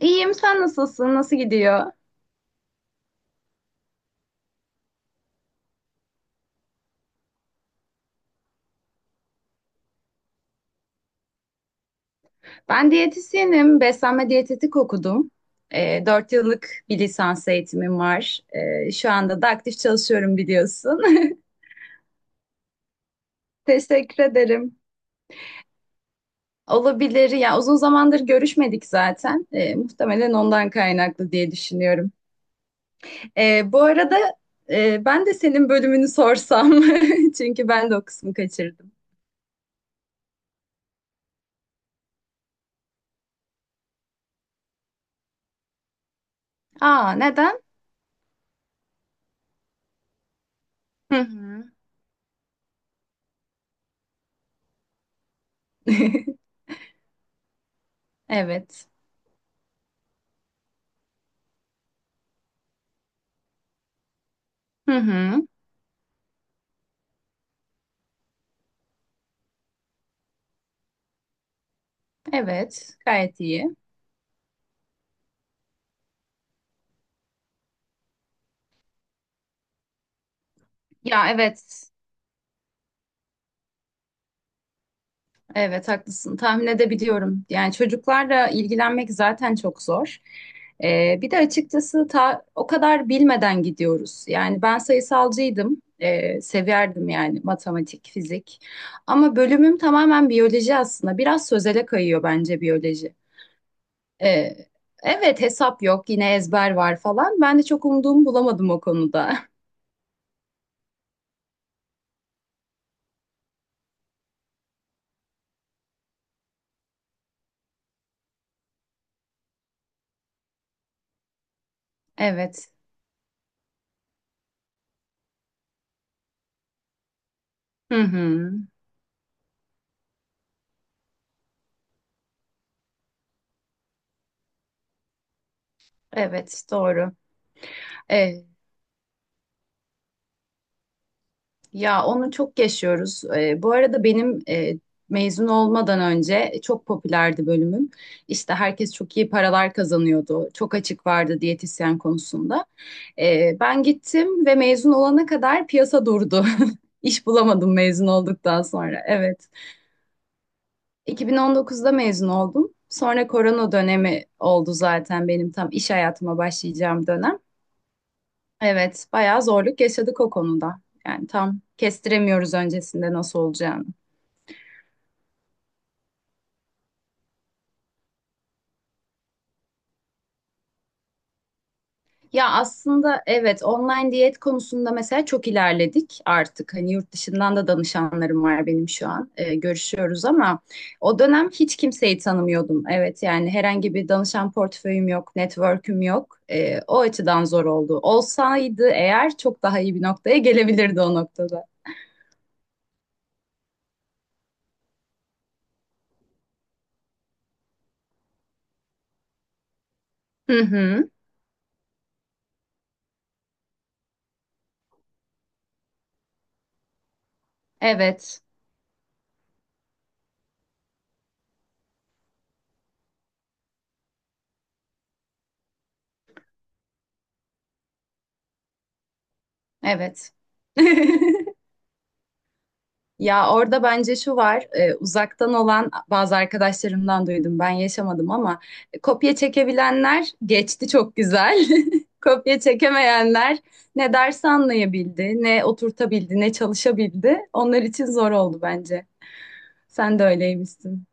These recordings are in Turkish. İyiyim, sen nasılsın? Nasıl gidiyor? Ben diyetisyenim, beslenme diyetetik okudum. 4 yıllık bir lisans eğitimim var. Şu anda da aktif çalışıyorum biliyorsun. Teşekkür ederim. Olabilir. Ya uzun zamandır görüşmedik zaten. Muhtemelen ondan kaynaklı diye düşünüyorum. Bu arada ben de senin bölümünü sorsam. Çünkü ben de o kısmı kaçırdım. Aa, neden? Hı hı. Evet. Hı hı. Evet, gayet iyi. Ya evet, evet haklısın. Tahmin edebiliyorum. Yani çocuklarla ilgilenmek zaten çok zor. Bir de açıkçası o kadar bilmeden gidiyoruz. Yani ben sayısalcıydım. Severdim yani matematik, fizik. Ama bölümüm tamamen biyoloji aslında. Biraz sözele kayıyor bence biyoloji. Ee, evet, hesap yok, yine ezber var falan. Ben de çok umduğumu bulamadım o konuda. Evet. Hı hı. Evet, doğru. Evet. Ya onu çok yaşıyoruz. Bu arada benim mezun olmadan önce çok popülerdi bölümüm. İşte herkes çok iyi paralar kazanıyordu. Çok açık vardı diyetisyen konusunda. Ben gittim ve mezun olana kadar piyasa durdu. İş bulamadım mezun olduktan sonra. Evet. 2019'da mezun oldum. Sonra korona dönemi oldu zaten benim tam iş hayatıma başlayacağım dönem. Evet, bayağı zorluk yaşadık o konuda. Yani tam kestiremiyoruz öncesinde nasıl olacağını. Ya aslında evet, online diyet konusunda mesela çok ilerledik artık. Hani yurt dışından da danışanlarım var benim şu an. Görüşüyoruz ama o dönem hiç kimseyi tanımıyordum. Evet, yani herhangi bir danışan portföyüm yok, network'üm yok. O açıdan zor oldu. Olsaydı eğer çok daha iyi bir noktaya gelebilirdi o noktada. Hı hı. Evet. Evet. Ya orada bence şu var, uzaktan olan bazı arkadaşlarımdan duydum, ben yaşamadım ama kopya çekebilenler geçti çok güzel. Kopya çekemeyenler ne dersi anlayabildi, ne oturtabildi, ne çalışabildi. Onlar için zor oldu bence. Sen de öyleymişsin.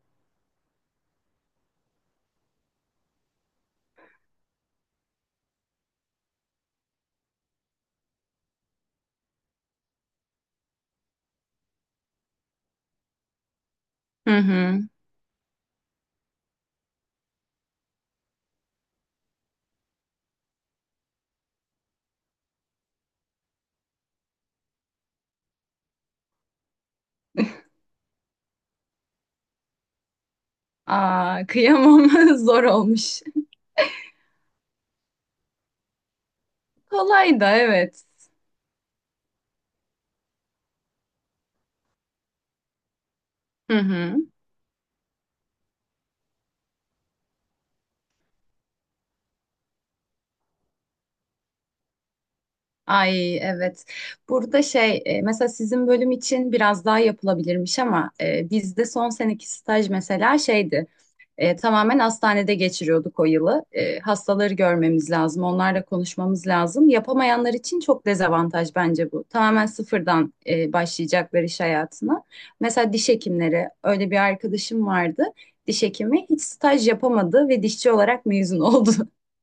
Hı hı. Aa, kıyamam, zor olmuş. Kolay da evet. Hı hı. Ay evet. Burada şey mesela sizin bölüm için biraz daha yapılabilirmiş ama bizde son seneki staj mesela şeydi. Tamamen hastanede geçiriyorduk o yılı. E, hastaları görmemiz lazım, onlarla konuşmamız lazım. Yapamayanlar için çok dezavantaj bence bu. Tamamen sıfırdan başlayacaklar iş hayatına. Mesela diş hekimleri, öyle bir arkadaşım vardı. Diş hekimi hiç staj yapamadı ve dişçi olarak mezun oldu.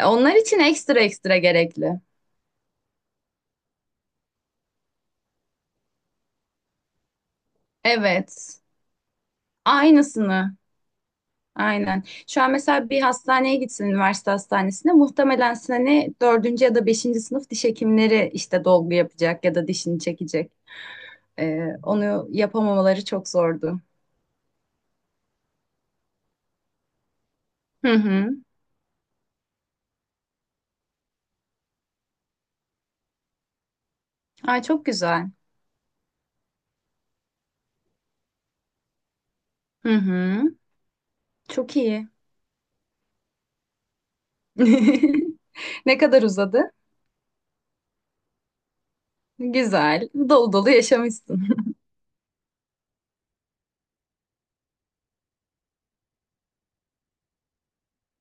Onlar için ekstra ekstra gerekli. Evet. Aynısını. Aynen. Şu an mesela bir hastaneye gitsin, üniversite hastanesine, muhtemelen sene dördüncü ya da beşinci sınıf diş hekimleri işte dolgu yapacak ya da dişini çekecek. Onu yapamamaları çok zordu. Hı hı. Ay çok güzel. Hı hı. Çok iyi. Ne kadar uzadı? Güzel. Dolu dolu yaşamışsın.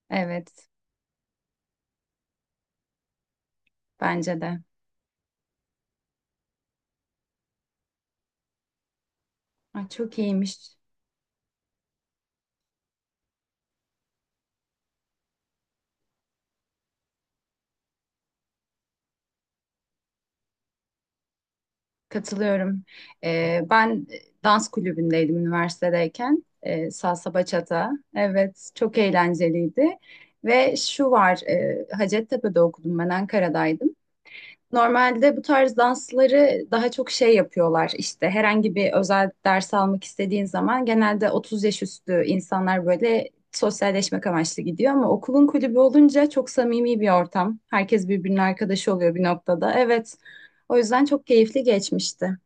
Evet. Bence de. Ay çok iyiymiş. Katılıyorum. Ben dans kulübündeydim üniversitedeyken. Salsa bachata. Evet, çok eğlenceliydi. Ve şu var, Hacettepe'de okudum ben, Ankara'daydım. Normalde bu tarz dansları daha çok şey yapıyorlar, işte herhangi bir özel ders almak istediğin zaman genelde 30 yaş üstü insanlar böyle sosyalleşmek amaçlı gidiyor, ama okulun kulübü olunca çok samimi bir ortam. Herkes birbirinin arkadaşı oluyor bir noktada. Evet. O yüzden çok keyifli geçmişti.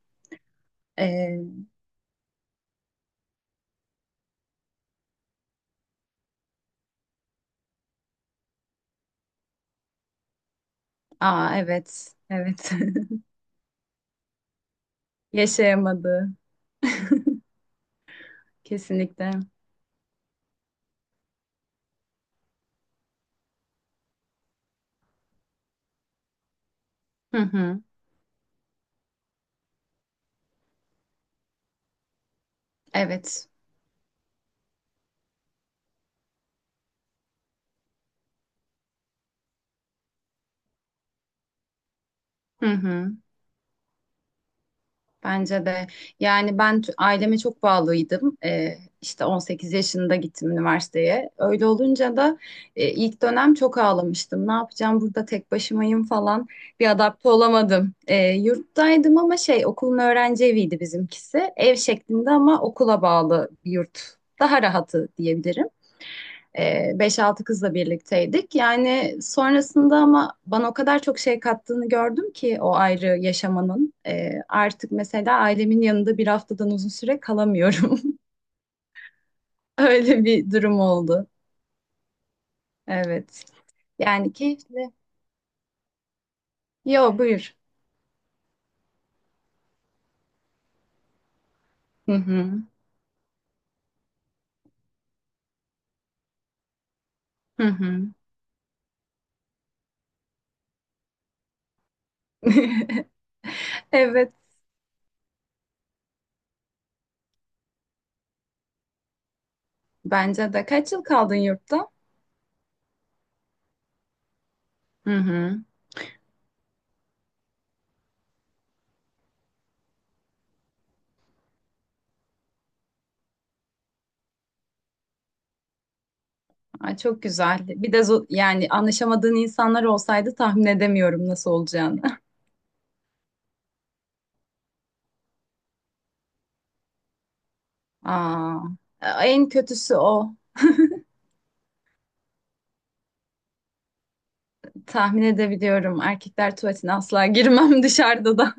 Ee, Aa evet. Evet. Yaşayamadı. Kesinlikle. Hı hı. Evet. Hı hı. Bence de. Yani ben aileme çok bağlıydım. İşte 18 yaşında gittim üniversiteye. Öyle olunca da ilk dönem çok ağlamıştım. Ne yapacağım burada, tek başımayım falan. Bir adapte olamadım. Yurttaydım ama şey, okulun öğrenci eviydi bizimkisi. Ev şeklinde ama okula bağlı bir yurt. Daha rahatı diyebilirim. Beş altı kızla birlikteydik. Yani sonrasında ama bana o kadar çok şey kattığını gördüm ki o ayrı yaşamanın. Artık mesela ailemin yanında bir haftadan uzun süre kalamıyorum. Öyle bir durum oldu. Evet. Yani keyifli. Yo, buyur. Hı hı. Hı hı. Evet. Bence de. Kaç yıl kaldın yurtta? Hı hı. Ay, çok güzel. Bir de yani anlaşamadığın insanlar olsaydı tahmin edemiyorum nasıl olacağını. Aa, en kötüsü o. Tahmin edebiliyorum. Erkekler tuvaletine asla girmem dışarıda da.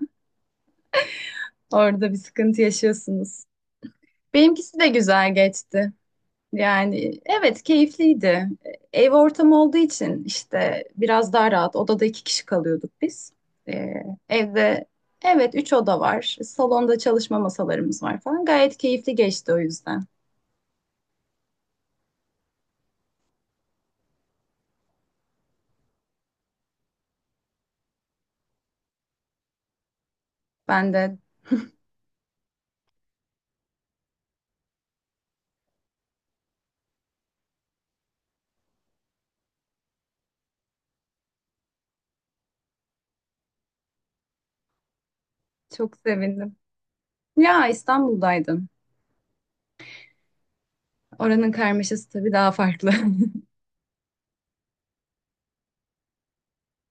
Orada bir sıkıntı yaşıyorsunuz. Benimkisi de güzel geçti. Yani evet, keyifliydi. Ev ortamı olduğu için işte biraz daha rahat. Odada iki kişi kalıyorduk biz. Ee, Evde evet, üç oda var. Salonda çalışma masalarımız var falan. Gayet keyifli geçti o yüzden. Ben de çok sevindim. Ya, İstanbul'daydın. Oranın karmaşası tabii daha farklı.